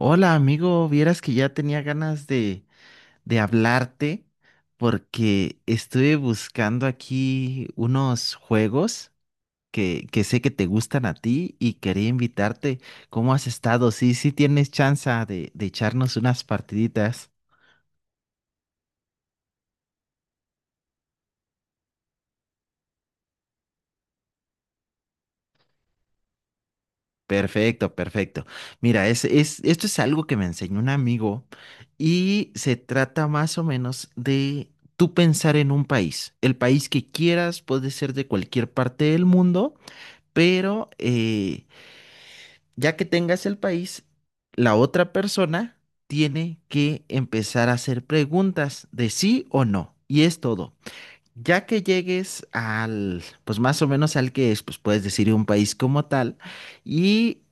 Hola amigo, vieras que ya tenía ganas de hablarte porque estuve buscando aquí unos juegos que sé que te gustan a ti y quería invitarte. ¿Cómo has estado? Sí, sí tienes chance de echarnos unas partiditas. Perfecto, perfecto. Mira, esto es algo que me enseñó un amigo y se trata más o menos de tú pensar en un país. El país que quieras puede ser de cualquier parte del mundo, pero ya que tengas el país, la otra persona tiene que empezar a hacer preguntas de sí o no. Y es todo. Ya que llegues al, pues más o menos al que es, pues puedes decir un país como tal. Y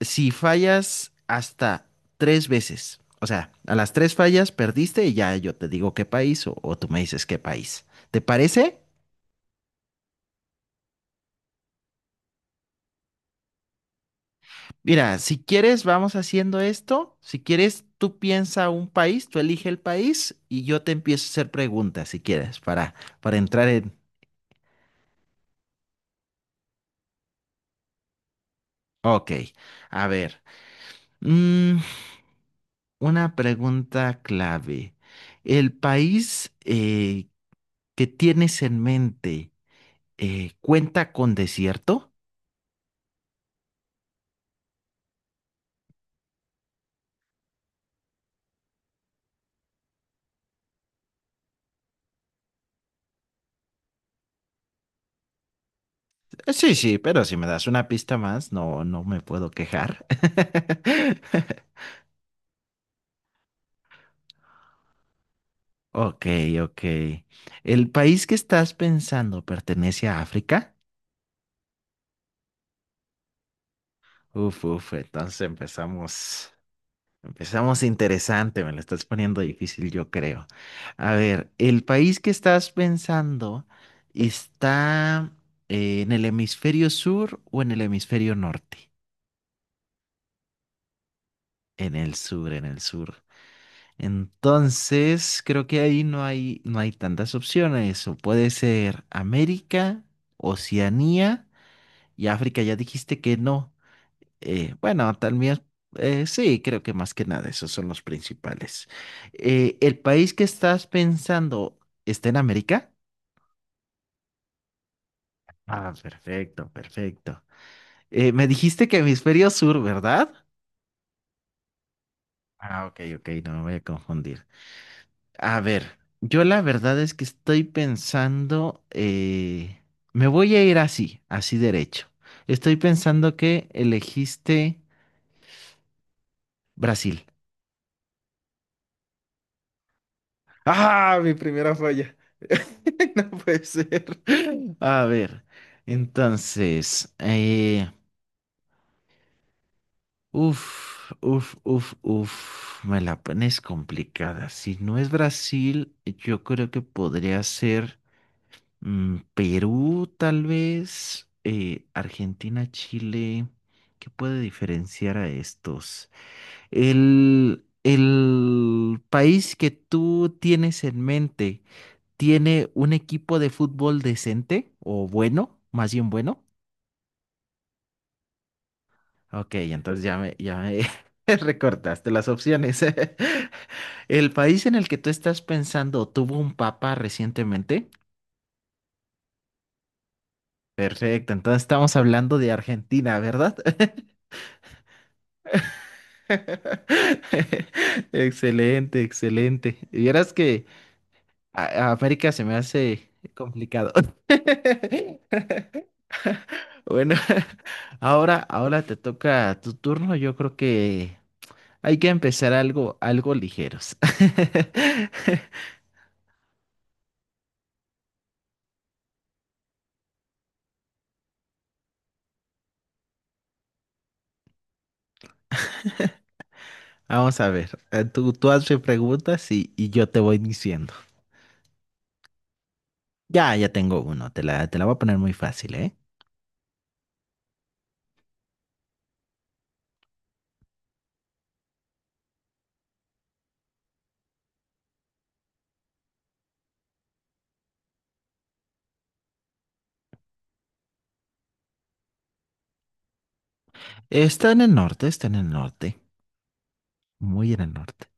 si fallas hasta tres veces, o sea, a las tres fallas perdiste y ya yo te digo qué país o tú me dices qué país. ¿Te parece? Mira, si quieres, vamos haciendo esto. Si quieres, tú piensa un país, tú elige el país y yo te empiezo a hacer preguntas, si quieres, para entrar en... Ok, a ver. mm, una pregunta clave. ¿El país que tienes en mente cuenta con desierto? Sí, sí, pero si me das una pista más, no, no me puedo quejar. Ok, ok. ¿El país que estás pensando pertenece a África? Uf, uf, entonces empezamos. Empezamos interesante, me lo estás poniendo difícil, yo creo. A ver, ¿el país que estás pensando está en el hemisferio sur o en el hemisferio norte? En el sur, en el sur. Entonces, creo que ahí no hay, no hay tantas opciones. O puede ser América, Oceanía. Y África, ya dijiste que no. Bueno, también, sí, creo que más que nada esos son los principales. ¿el país que estás pensando está en América? Ah, perfecto, perfecto. Me dijiste que hemisferio sur, ¿verdad? Ah, ok, ok, no me voy a confundir. A ver, yo la verdad es que estoy pensando, me voy a ir así, así derecho. Estoy pensando que elegiste Brasil. Ah, mi primera falla. No puede ser. A ver, entonces, uf, uf, uf, uf, me la pones complicada. Si no es Brasil, yo creo que podría ser Perú, tal vez, Argentina, Chile. ¿Qué puede diferenciar a estos? El país que tú tienes en mente. ¿Tiene un equipo de fútbol decente o bueno, más bien bueno? Ok, entonces ya me recortaste las opciones. ¿El país en el que tú estás pensando tuvo un papa recientemente? Perfecto, entonces estamos hablando de Argentina, ¿verdad? Excelente, excelente. Vieras que a América se me hace complicado. Bueno, ahora te toca tu turno. Yo creo que hay que empezar algo, algo ligeros. Vamos a ver. Tú hazme preguntas y yo te voy diciendo. Ya tengo uno. Te la voy a poner muy fácil, ¿eh? Está en el norte, está en el norte. Muy en el norte.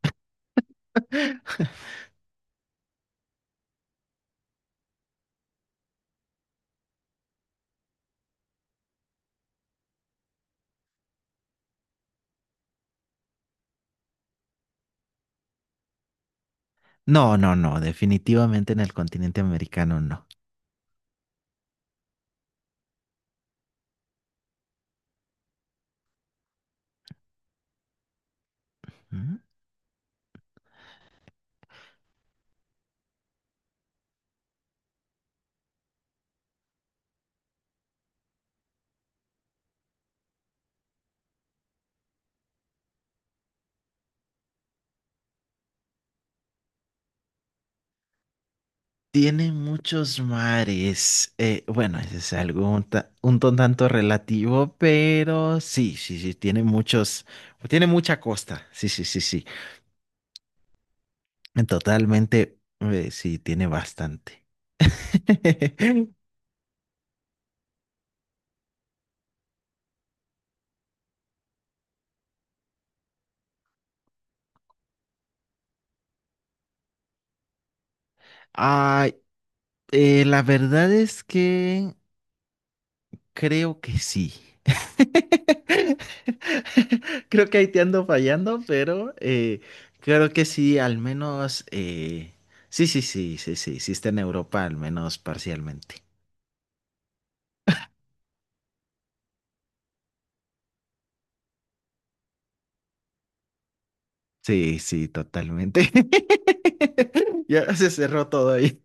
No, no, no. Definitivamente en el continente americano no. Tiene muchos mares. Bueno, ese es algo un, ta- un ton tanto relativo, pero sí, sí, sí, tiene muchos, tiene mucha costa. Sí, sí, sí, sí. Totalmente, sí, tiene bastante. Ay, la verdad es que creo que sí. Creo que ahí te ando fallando, pero creo que sí, al menos. Sí, sí, sí, sí, sí, sí está en Europa, al menos parcialmente. Sí, sí, totalmente. Ya se cerró todo ahí.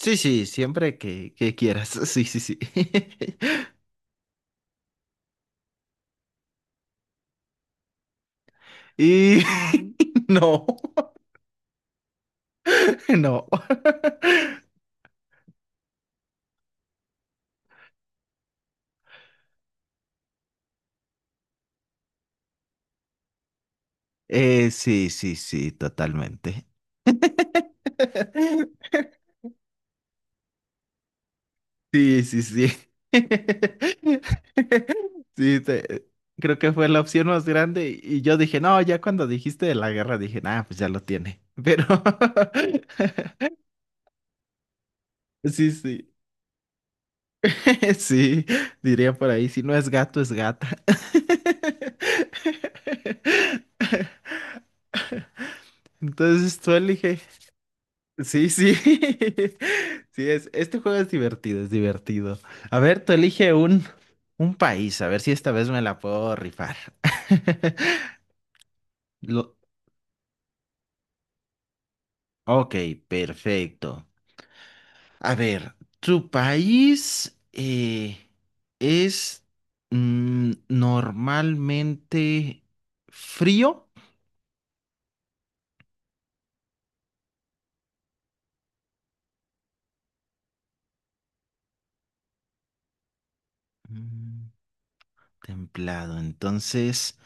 Sí, sí, siempre que quieras. Sí, sí, sí. Y no, no. Sí, sí, sí, totalmente. Sí, sí, sí. Sí, te- creo que fue la opción más grande y yo dije, no, ya cuando dijiste de la guerra dije, ah, pues ya lo tiene. Pero sí, sí, sí, diría por ahí, si no es gato, es gata. Entonces tú elige. Sí, sí. Este juego es divertido, es divertido. A ver, tú elige un país, a ver si esta vez me la puedo rifar. Lo- Ok, perfecto. A ver, ¿tu país es normalmente frío? Mm, templado. Entonces,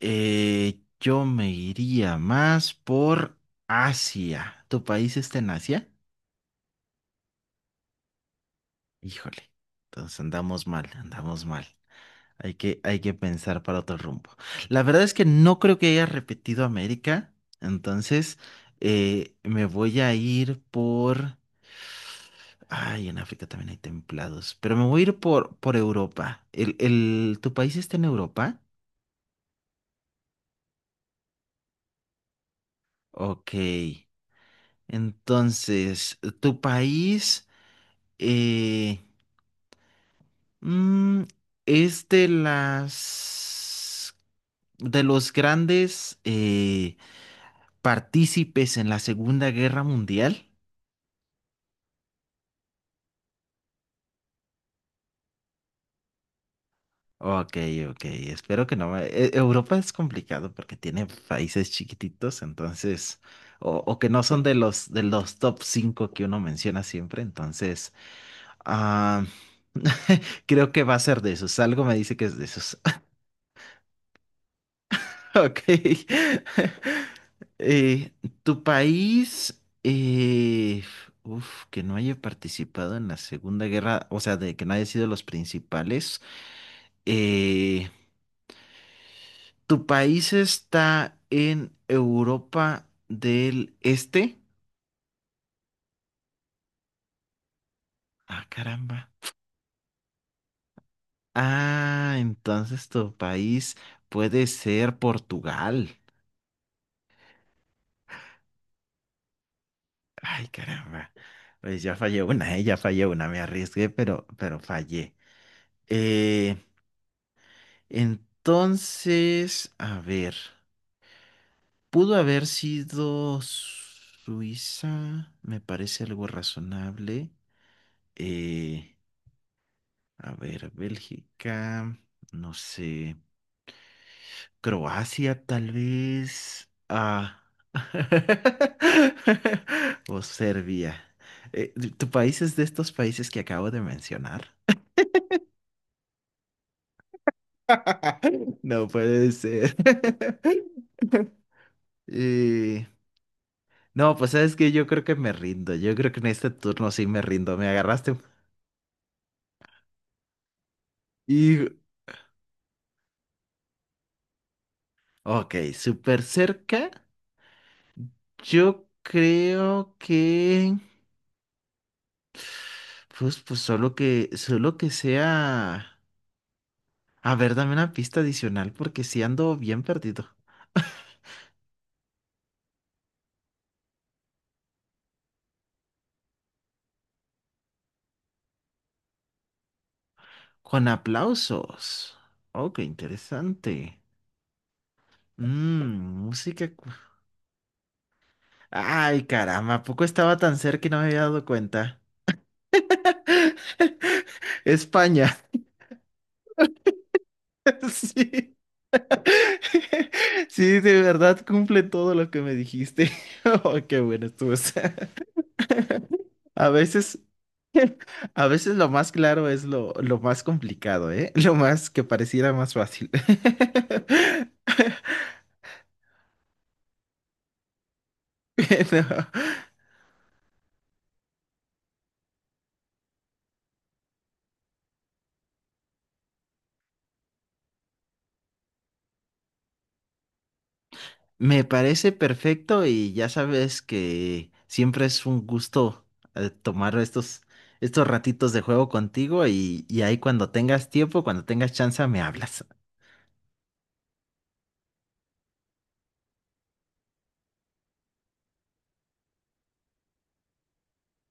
yo me iría más por Asia. ¿Tu país está en Asia? Híjole. Entonces andamos mal, andamos mal. Hay que pensar para otro rumbo. La verdad es que no creo que haya repetido América, entonces me voy a ir por... Ay, en África también hay templados, pero me voy a ir por Europa. Tu país está en Europa? Ok, entonces, ¿tu país eh, mm, es de los grandes partícipes en la Segunda Guerra Mundial? Ok, ok, espero que no me... Europa es complicado porque tiene países chiquititos, entonces, o que no son de los top 5 que uno menciona siempre, entonces, ah, creo que va a ser de esos, algo me dice que es de esos. Ok. Eh, tu país, uf, que no haya participado en la Segunda Guerra, o sea, de que no haya sido los principales. eh, ¿Tu país está en Europa del Este? Ah, caramba. Ah, entonces tu país puede ser Portugal. Ay, caramba. Pues ya fallé una, me arriesgué, pero fallé. Eh, entonces, a ver, pudo haber sido Suiza, me parece algo razonable. Eh, A ver, Bélgica, no sé, Croacia tal vez, ah, o Serbia. ¿tu país es de estos países que acabo de mencionar? No puede ser. Eh, no, pues sabes que yo creo que me rindo, yo creo que en este turno sí me rindo, me agarraste. Y, ok, súper cerca, yo creo que... Pues, pues solo que sea. A ver, dame una pista adicional porque si ando bien perdido. Con aplausos. Oh, qué interesante. Mmm, música. Ay, caramba, ¿a poco estaba tan cerca y no me había dado cuenta? España. Sí. Sí, de verdad cumple todo lo que me dijiste. Oh, qué bueno estuvo. A veces, a veces lo más claro es lo más complicado, ¿eh? Lo más que pareciera más fácil. Bueno, me parece perfecto y ya sabes que siempre es un gusto tomar estos, estos ratitos de juego contigo y ahí cuando tengas tiempo, cuando tengas chance, me hablas.